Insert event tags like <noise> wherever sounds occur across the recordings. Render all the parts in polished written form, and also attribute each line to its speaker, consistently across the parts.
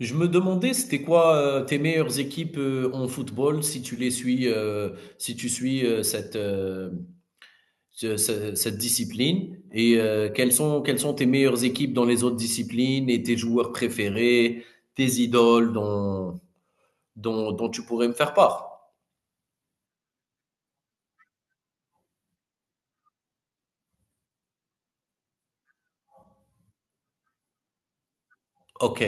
Speaker 1: Je me demandais, c'était quoi tes meilleures équipes en football si tu les suis, si tu suis cette, cette discipline et quelles sont tes meilleures équipes dans les autres disciplines et tes joueurs préférés, tes idoles dont tu pourrais me faire part? Ok,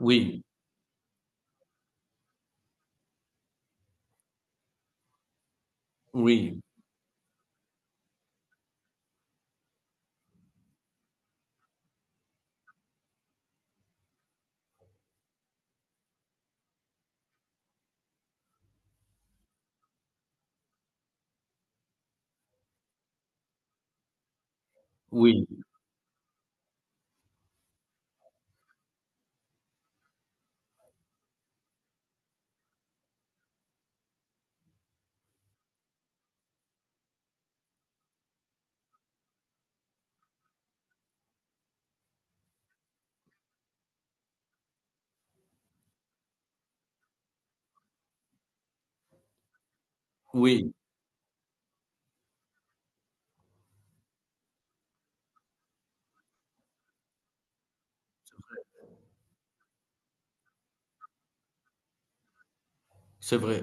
Speaker 1: oui, oui, oui, oui, c'est vrai.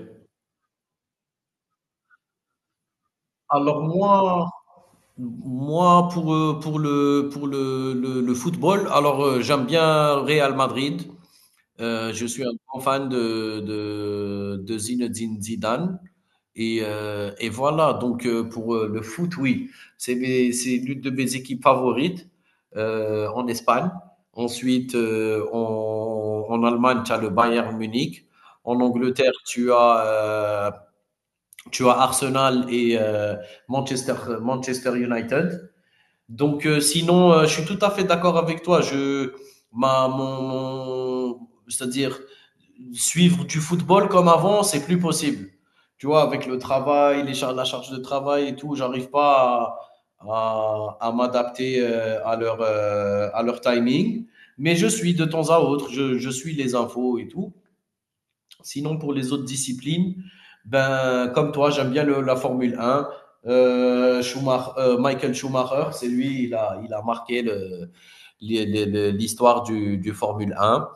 Speaker 1: Alors moi, moi pour le, le football, alors j'aime bien Real Madrid. Je suis un grand fan de Zinedine Zidane et voilà donc pour, le foot, oui, c'est mes c'est l'une de mes équipes favorites, en Espagne. Ensuite, en Allemagne, tu as le Bayern Munich. En Angleterre, tu as Arsenal et Manchester Manchester United. Donc, sinon, je suis tout à fait d'accord avec toi. Je, ma, mon, mon- c'est-à-dire suivre du football comme avant, c'est plus possible. Tu vois, avec le travail, la charge de travail et tout, j'arrive pas à, à m'adapter à leur timing. Mais je suis de temps à autre, je suis les infos et tout. Sinon, pour les autres disciplines, ben, comme toi, j'aime bien la Formule 1. Michael Schumacher, c'est lui, il a marqué l'histoire du Formule 1.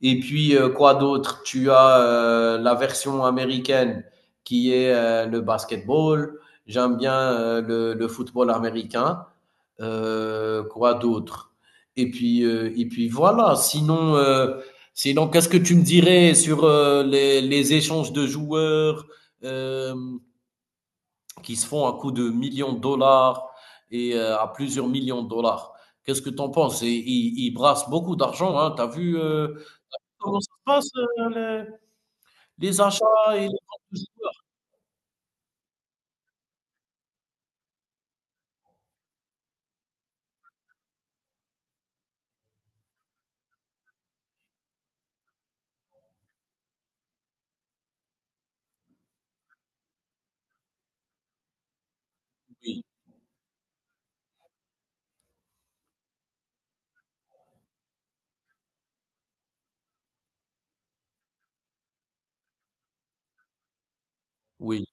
Speaker 1: Et puis, quoi d'autre? Tu as la version américaine qui est le basketball. J'aime bien le football américain. Quoi d'autre? Et puis voilà. Sinon, sinon, qu'est-ce que tu me dirais sur les échanges de joueurs euh, qui se font à coût de millions de dollars et à plusieurs millions de dollars? Qu'est-ce que tu en penses? Et ils brassent beaucoup d'argent. Hein. Tu as vu comment ça se passe, le les achats et les ventes de jouets? Oui, oui.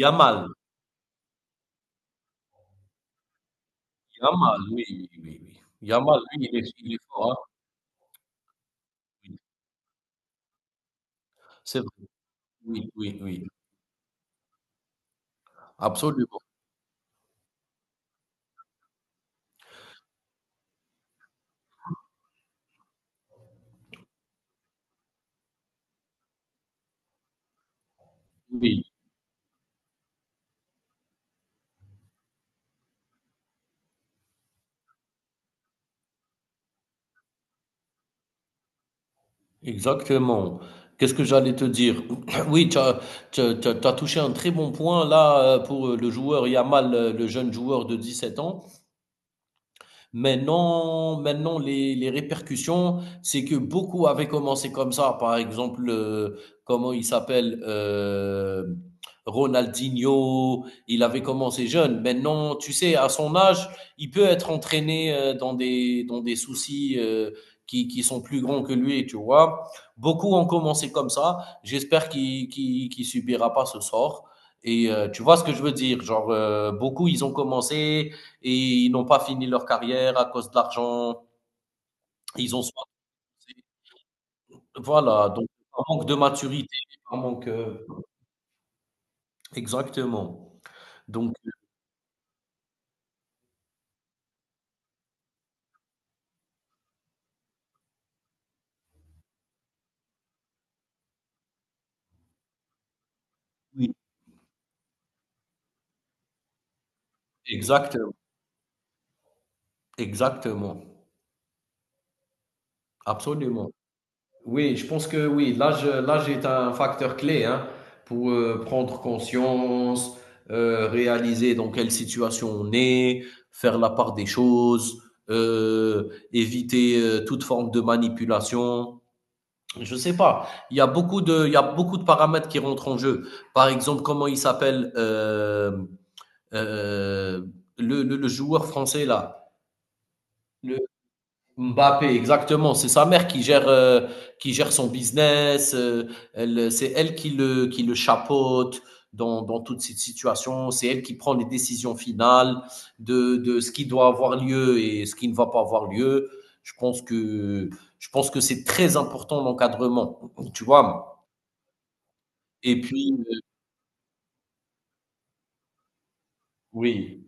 Speaker 1: Yamal, Yamal, oui, oui, oui, oui. Yamal, lui, il est fort, hein? Oui, c'est vrai. Oui, oui, oui, absolument. Oui, exactement. Qu'est-ce que j'allais te dire? <coughs> <clears throat> Oui, tu as tu as touché un très bon point là, pour, le joueur Yamal, le jeune joueur de 17 ans. Maintenant, maintenant les répercussions, c'est que beaucoup avaient commencé comme ça. Par exemple, comment il s'appelle Ronaldinho, il avait commencé jeune. Maintenant, tu sais, à son âge, il peut être entraîné dans des soucis qui sont plus grands que lui, tu vois. Beaucoup ont commencé comme ça. J'espère qu'il subira pas ce sort. Et tu vois ce que je veux dire, genre beaucoup ils ont commencé, et ils n'ont pas fini leur carrière à cause de l'argent. Ils ont soit. Voilà, donc par manque de maturité, par manque. Exactement. Donc, oui, exact, exactement. Absolument. Oui, je pense que oui, l'âge, l'âge est un facteur clé hein, pour prendre conscience, réaliser dans quelle situation on est, faire la part des choses, éviter toute forme de manipulation. Je sais pas. Il y a beaucoup de, il y a beaucoup de paramètres qui rentrent en jeu. Par exemple, comment il s'appelle euh, le, le joueur français là, le Mbappé, exactement. C'est sa mère qui gère son business. Elle, c'est elle qui le chapeaute dans, dans toute cette situation. C'est elle qui prend les décisions finales de ce qui doit avoir lieu et ce qui ne va pas avoir lieu. Je pense que, je pense que c'est très important l'encadrement. Tu vois. Et puis, oui,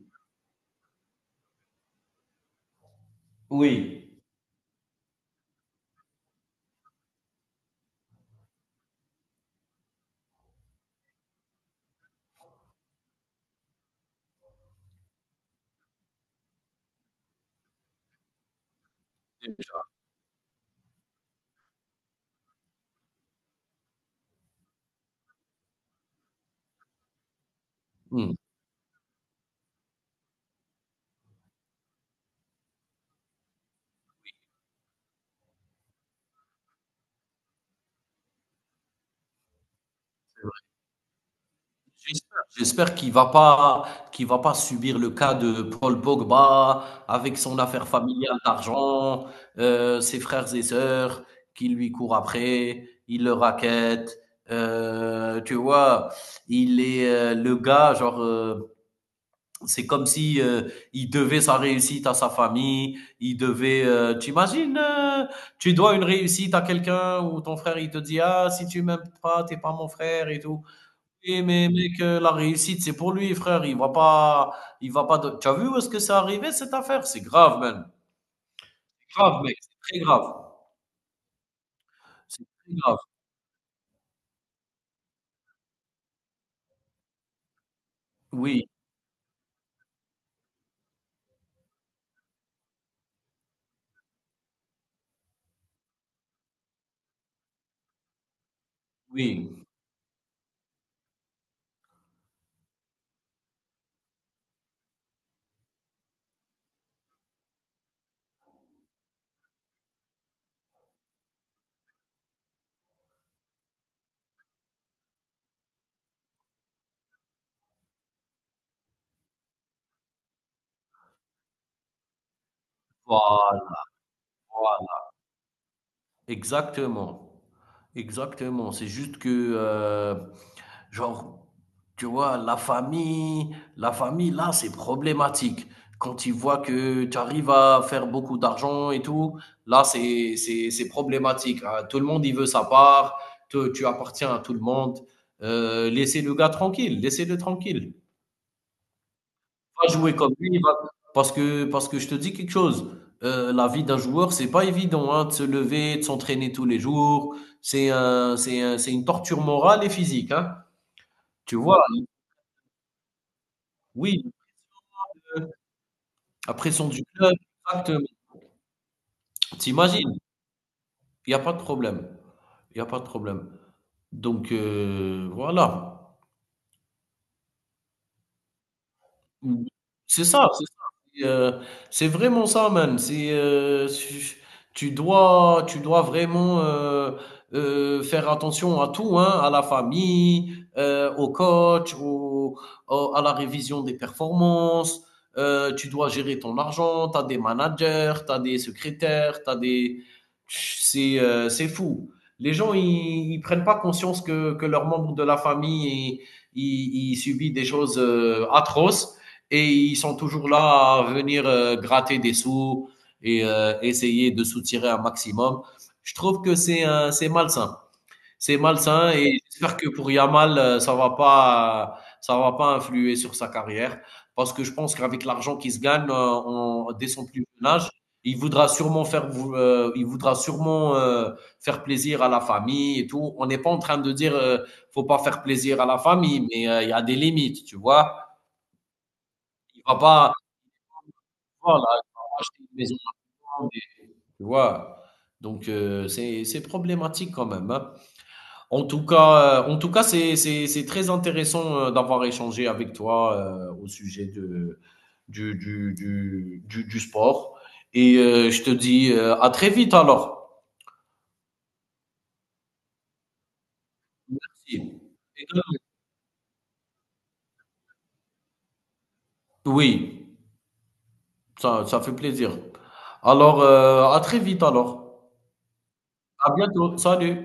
Speaker 1: oui. Déjà, mmh, c'est vrai. J'espère qu'il va pas subir le cas de Paul Pogba avec son affaire familiale d'argent, ses frères et sœurs qui lui courent après, il le rackettent, tu vois? Il est, le gars genre, c'est comme si il devait sa réussite à sa famille, il devait. Tu imagines, tu dois une réussite à quelqu'un ou ton frère il te dit ah si tu m'aimes pas t'es pas mon frère et tout. Et mais mec, la réussite c'est pour lui frère, il va pas. Tu as vu où est-ce que c'est arrivé cette affaire? C'est grave man, c'est grave mec, c'est très grave, c'est très grave. Oui, oui, voilà, voilà, exactement. Exactement. C'est juste que euh, genre, tu vois, la famille, là, c'est problématique. Quand ils voient que tu arrives à faire beaucoup d'argent et tout, là, c'est problématique. Hein. Tout le monde, il veut sa part. Tu appartiens à tout le monde. Laissez le gars tranquille. Laissez-le tranquille. Va jouer comme lui. Va- parce que je te dis quelque chose. La vie d'un joueur, c'est pas évident, hein, de se lever, de s'entraîner tous les jours. C'est une torture morale et physique, hein. Tu vois? Oui, la pression du club, exactement. Tu il y a pas de problème, il y a pas de problème. Donc voilà. Mmh. C'est ça, c'est ça. C'est, heu, c'est vraiment ça man. C'est, tu tu dois vraiment, faire attention à tout, hein, à la famille, au coach, au à la révision des performances, tu dois gérer ton argent, tu as des managers, tu as des secrétaires, tu as des c'est fou. Les gens, ils prennent pas conscience que leurs membres de la famille, ils subissent des choses, atroces et ils sont toujours là à venir gratter des sous et essayer de soutirer un maximum. Je trouve que c'est un- c'est malsain. C'est malsain et j'espère que pour Yamal, ça va pas influer sur sa carrière parce que je pense qu'avec l'argent qu'il se gagne en- dès son plus jeune âge, il voudra sûrement faire plaisir à la famille et tout. On n'est pas en train de dire faut pas faire plaisir à la famille, mais il y a des limites, tu vois. Il va pas, voilà, acheter une maison, des tu vois? Donc c'est problématique quand même, hein. En tout cas, c'est très intéressant, d'avoir échangé avec toi, au sujet de du sport et je te dis, à très vite alors. Merci. Oui, ça ça fait plaisir. Alors, à très vite alors. À bientôt. Salut.